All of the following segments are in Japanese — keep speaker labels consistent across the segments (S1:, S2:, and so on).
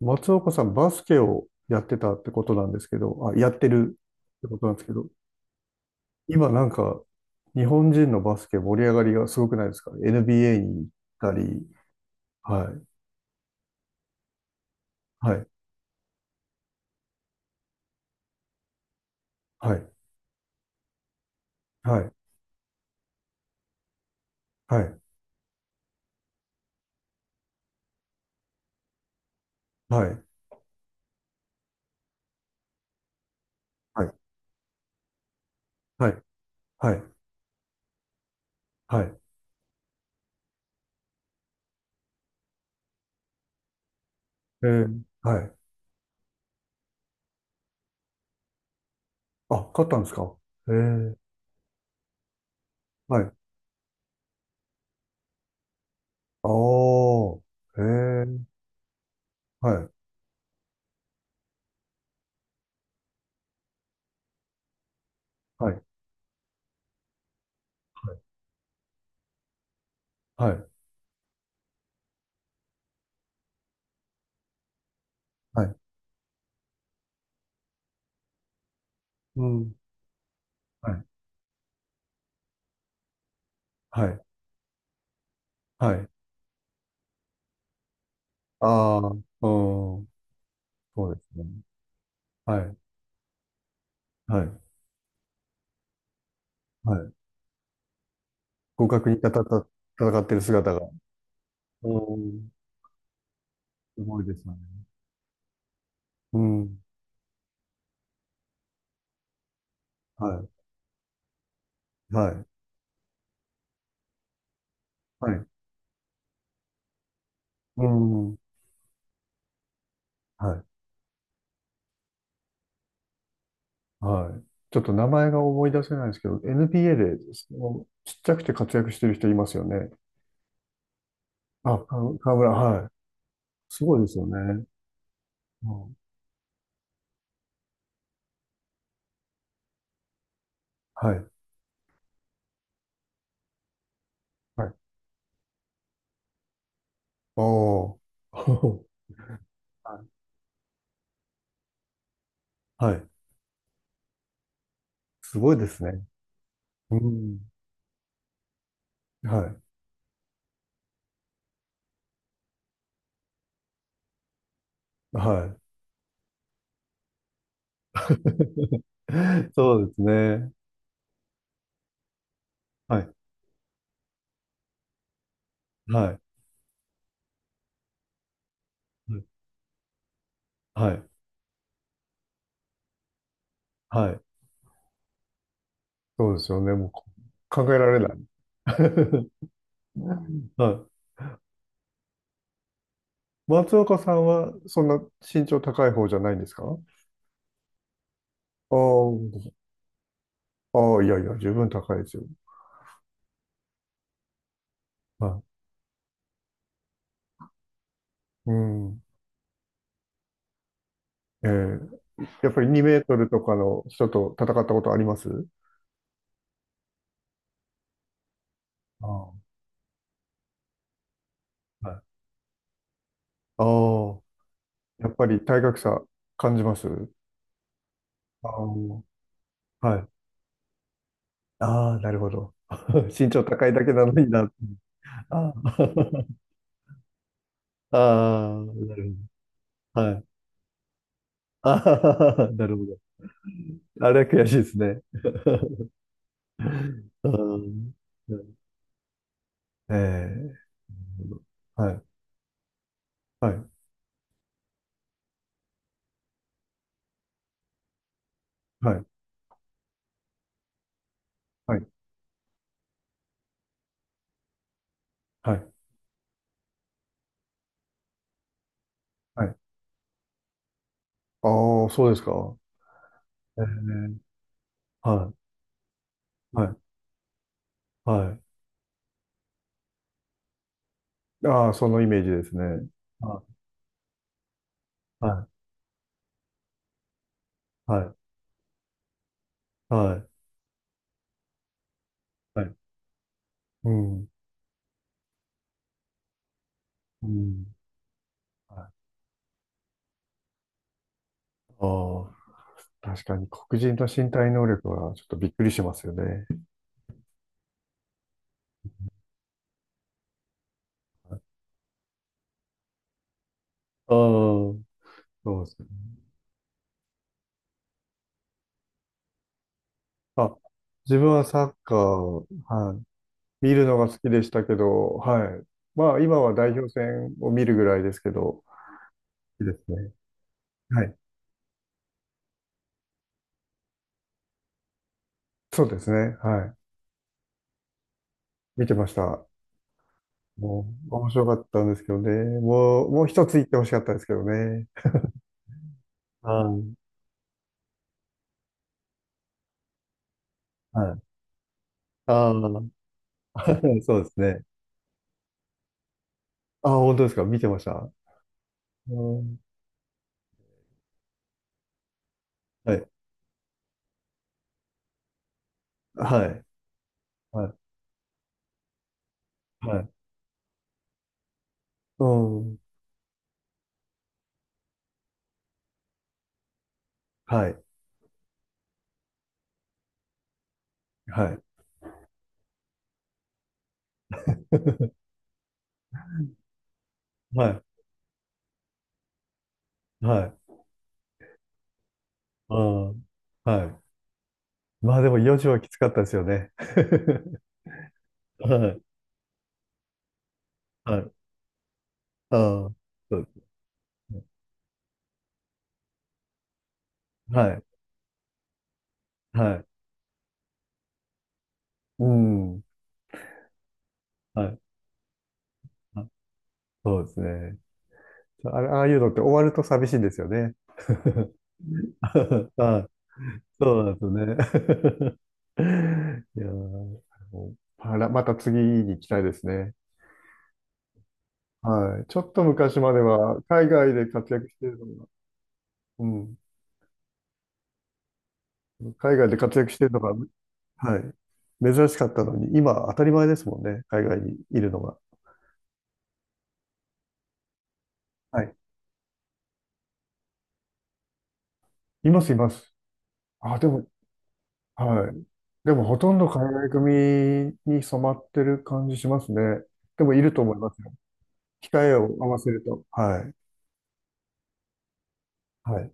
S1: 松岡さん、バスケをやってたってことなんですけど、あ、やってるってことなんですけど、今なんか、日本人のバスケ盛り上がりがすごくないですか？ NBA に行ったり。はい。はい。はい。はい。はい。はい。はい。はい。はい。はい。えー、はい。あ、勝ったんですか？えー、はい。あー、えー、はい。はい。はい。はい。はい。うん。はい。はい。はい。あー、うん、そうですね。はい。はい。はい。互角に戦ってる姿が。うん。すごいですよね。うん。はい。はい。はい。うん。はい。はい。ちょっと名前が思い出せないんですけど、NBA で、そのちっちゃくて活躍してる人いますよね。あ、河村、はい。すごいですよね。うん。はい。はい。おー。はい。はい。すごいですね。うん。はい。はい。そうですね。はい。はい。はい。はい。はい。そうですよね。もう考えられない。はい。松岡さんはそんな身長高い方じゃないんですか？ああ、ああ、いやいや、十分高いですよ。はい。うん。えーやっぱり2メートルとかの人と戦ったことあります？ああ、はい。ああ、やっぱり体格差感じます？ああ、はい。ああ、なるほど。身長高いだけなのにな。ああ、ああ、なるほど。はい。ああ、なるほど。あれは悔しいですね。うん。ええ。はい。はい。はい。はい。はい。はい。ああ、そうですか。ええ。はい。はい。はい。ああ、そのイメージですね。はい。はい。はい。はい。はい。うん、うん。はい。ああ、確かに黒人の身体能力はちょっとびっくりしますよね。ああ、そうですね。あ、自分はサッカー、はい。見るのが好きでしたけど、はい。まあ、今は代表戦を見るぐらいですけど、いいですね。はい。そうですね。はい。見てました。もう、面白かったんですけどね。もう、もう一つ言ってほしかったですけどね。あー。はい。ああ。そうですね。ああ、本当ですか？見てました。うん。はい。はい。はい。はい。うん。はい。はい。はい。はい。うん。はい。まあでも4時はきつかったですよね。はい。はい。ああ、そうですね。はい。はい。うん。はい。あ、そうですね。あれ、ああいうのって終わると寂しいんですよね。はい。そうなんですね。いやー、また次に行きたいですね。はい。ちょっと昔までは、海外で活躍してるのが、うん。海外で活躍してるのが、はい。珍しかったのに、今、当たり前ですもんね。海外にいるのが。はい。います、います。あ、でも、はい。でもほとんど海外組に染まってる感じしますね。でもいると思いますよ。控えを合わせると。はい。はい。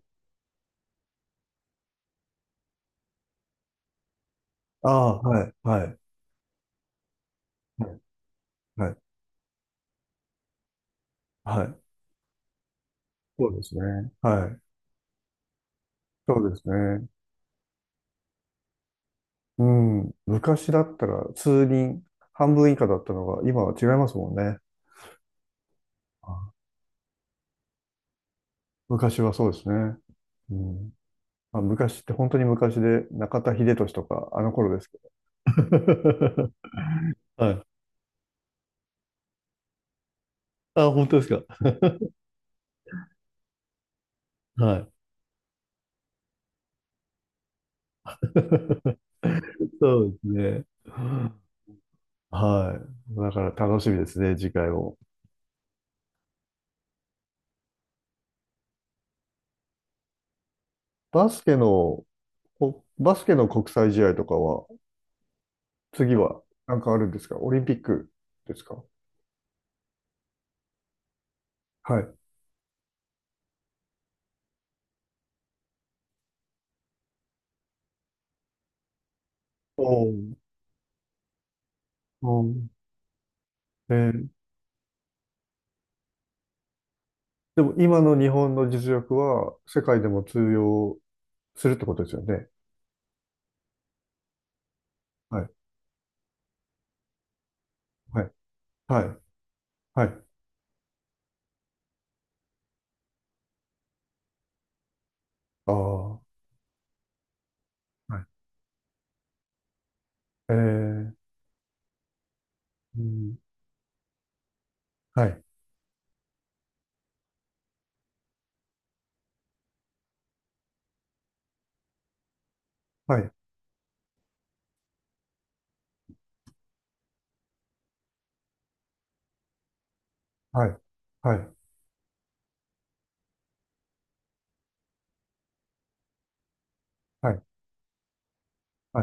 S1: ああ、はい。はい。はい。はい。はい。そうですね。はい。そうですね。うん。昔だったら数人、半分以下だったのが、今は違いますもんね。あ、昔はそうですね。うん。まあ、昔って本当に昔で、中田英寿とか、あの頃ですけど。はい。あ、本当ですか？はい。そうですね。はい。だから楽しみですね、次回も。バスケの、バスケの国際試合とかは、次はなんかあるんですか？オリンピックですか？はい。おー。おー。えー。でも今の日本の実力は世界でも通用するってことですよね。はい。はい。はい。はい。ああ。はい。えー、うん。はい。はい。はい。はい。はい。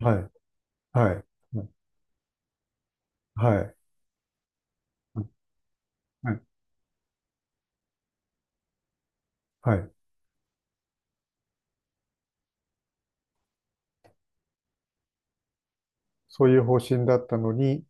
S1: はい。はい。はい。はい、はい。はい。はい。そういう方針だったのに、